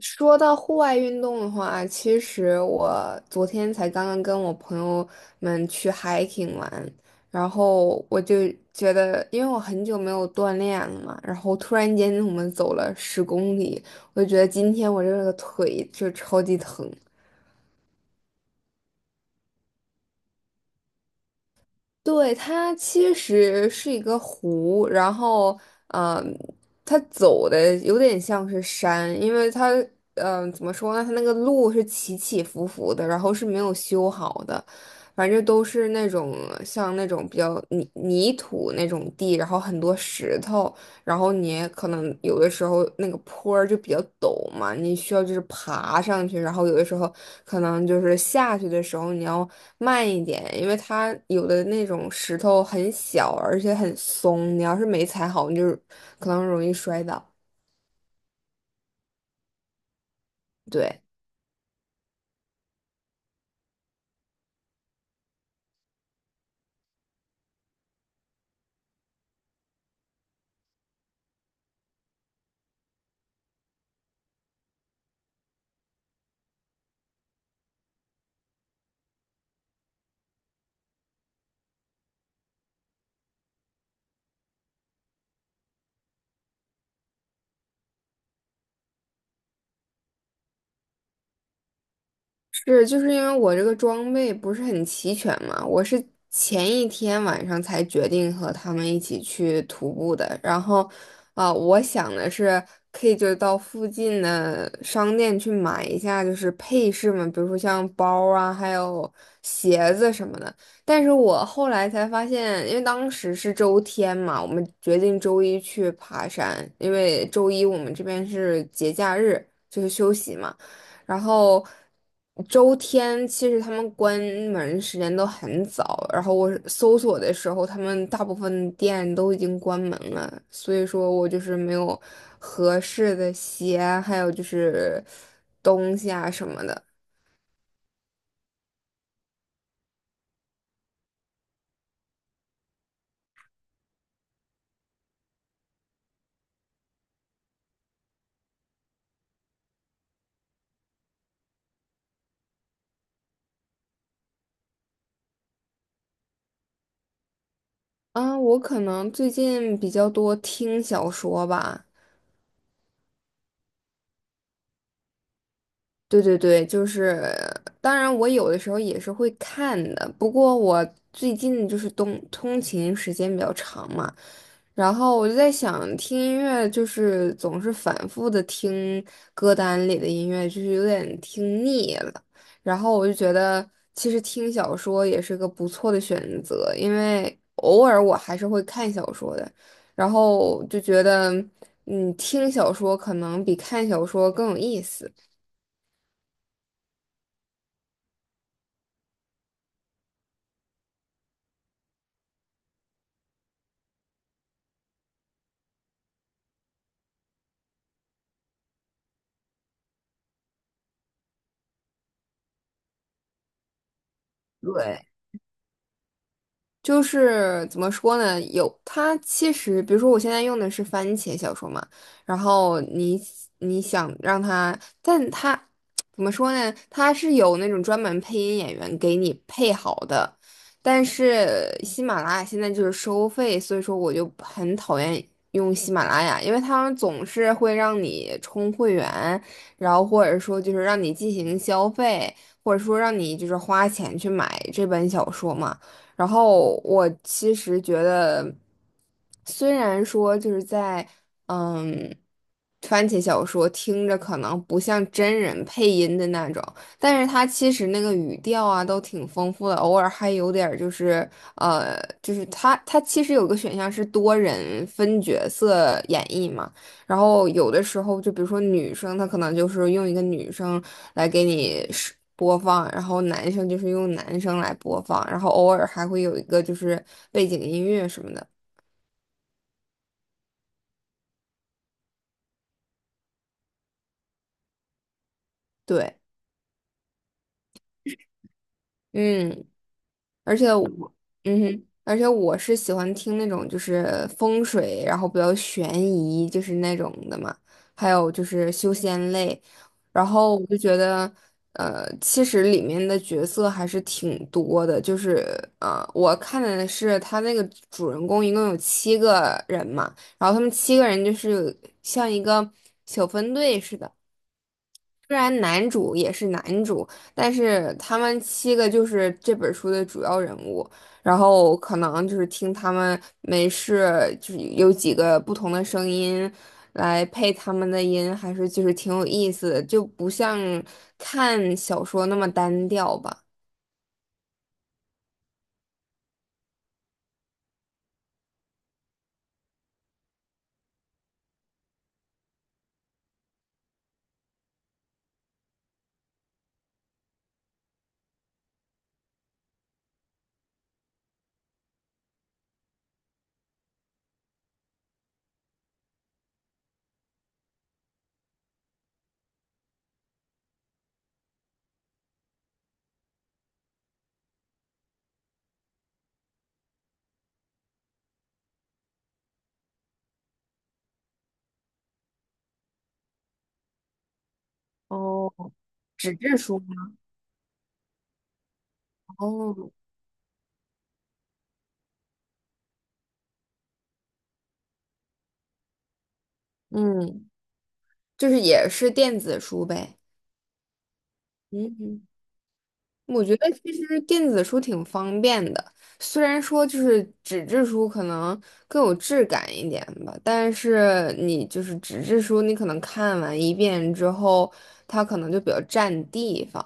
说到户外运动的话，其实我昨天才刚刚跟我朋友们去 hiking 玩，然后我就觉得，因为我很久没有锻炼了嘛，然后突然间我们走了10公里，我就觉得今天我这个腿就超级疼。对，它其实是一个湖，然后，嗯，它走的有点像是山，因为它，怎么说呢？它那个路是起起伏伏的，然后是没有修好的，反正都是那种像那种比较泥土那种地，然后很多石头，然后你可能有的时候那个坡儿就比较陡嘛，你需要就是爬上去，然后有的时候可能就是下去的时候你要慢一点，因为它有的那种石头很小，而且很松，你要是没踩好，你就可能容易摔倒。对。是，就是因为我这个装备不是很齐全嘛，我是前一天晚上才决定和他们一起去徒步的。然后，我想的是可以就到附近的商店去买一下，就是配饰嘛，比如说像包啊，还有鞋子什么的。但是我后来才发现，因为当时是周天嘛，我们决定周一去爬山，因为周一我们这边是节假日，就是休息嘛。然后周天其实他们关门时间都很早，然后我搜索的时候，他们大部分店都已经关门了，所以说我就是没有合适的鞋，还有就是东西啊什么的。我可能最近比较多听小说吧。对对对，就是，当然我有的时候也是会看的，不过我最近就是通勤时间比较长嘛，然后我就在想，听音乐就是总是反复的听歌单里的音乐，就是有点听腻了。然后我就觉得，其实听小说也是个不错的选择，因为偶尔我还是会看小说的，然后就觉得，听小说可能比看小说更有意思。对。就是怎么说呢？有它其实，比如说我现在用的是番茄小说嘛，然后你想让它，但它怎么说呢？它是有那种专门配音演员给你配好的，但是喜马拉雅现在就是收费，所以说我就很讨厌用喜马拉雅，因为他们总是会让你充会员，然后或者说就是让你进行消费，或者说让你就是花钱去买这本小说嘛。然后我其实觉得，虽然说就是在嗯番茄小说听着可能不像真人配音的那种，但是它其实那个语调啊都挺丰富的，偶尔还有点儿就是，就是它其实有个选项是多人分角色演绎嘛。然后有的时候，就比如说女生，她可能就是用一个女生来给你是播放，然后男生就是用男生来播放，然后偶尔还会有一个就是背景音乐什么的。对，嗯。而且我，嗯哼，而且我是喜欢听那种就是风水，然后比较悬疑，就是那种的嘛，还有就是修仙类，然后我就觉得，其实里面的角色还是挺多的，就是，我看的是他那个主人公一共有七个人嘛，然后他们七个人就是像一个小分队似的。虽然男主也是男主，但是他们七个就是这本书的主要人物。然后可能就是听他们没事，就是有几个不同的声音来配他们的音，还是就是挺有意思的，就不像看小说那么单调吧。哦，纸质书吗？哦，嗯，就是也是电子书呗。嗯。我觉得其实电子书挺方便的，虽然说就是纸质书可能更有质感一点吧，但是你就是纸质书，你可能看完一遍之后，它可能就比较占地方。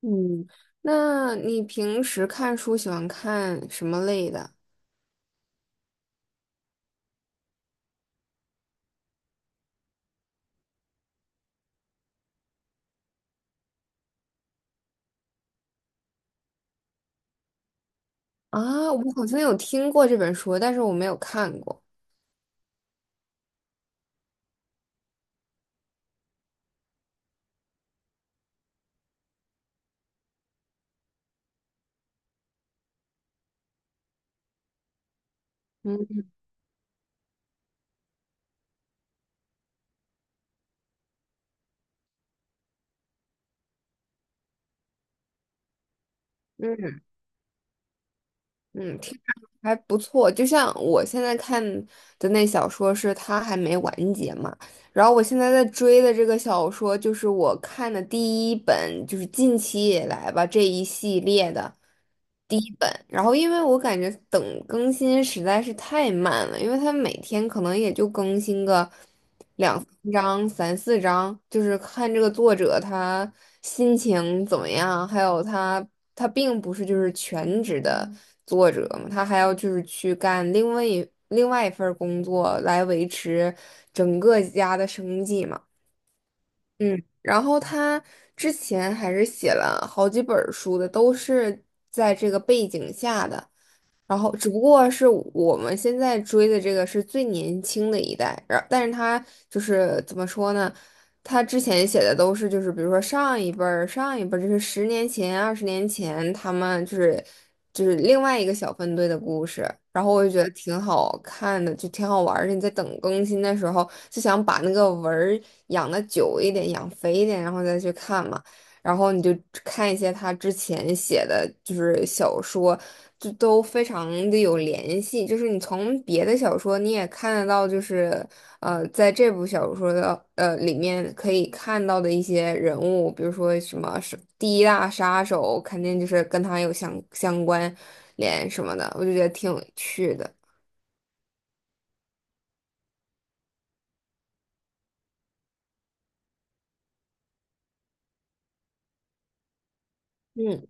嗯，那你平时看书喜欢看什么类的？我好像有听过这本书，但是我没有看过。嗯。嗯，听着还不错。就像我现在看的那小说是它还没完结嘛，然后我现在在追的这个小说就是我看的第一本，就是近期以来吧这一系列的。第一本，然后因为我感觉等更新实在是太慢了，因为他每天可能也就更新个两三章、三四章，就是看这个作者他心情怎么样，还有他他并不是就是全职的作者嘛，他还要就是去干另外一份儿工作来维持整个家的生计嘛。嗯，然后他之前还是写了好几本儿书的，都是在这个背景下的。然后只不过是我们现在追的这个是最年轻的一代，但是他就是怎么说呢？他之前写的都是就是比如说上一辈儿、上一辈儿，就是十年前、20年前他们就是另外一个小分队的故事，然后我就觉得挺好看的，就挺好玩儿的。你在等更新的时候，就想把那个文儿养的久一点、养肥一点，然后再去看嘛。然后你就看一些他之前写的，就是小说，就都非常的有联系。就是你从别的小说你也看得到，就是，在这部小说的里面可以看到的一些人物，比如说什么是第一大杀手，肯定就是跟他有相关联什么的，我就觉得挺有趣的。嗯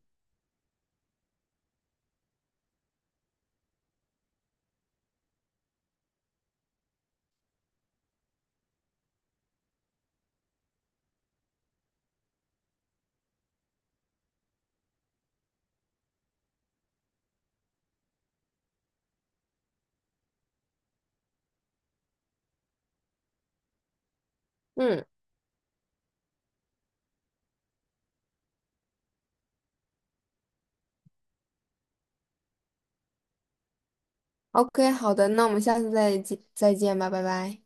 嗯，OK，好的，那我们下次再见再见吧，拜拜。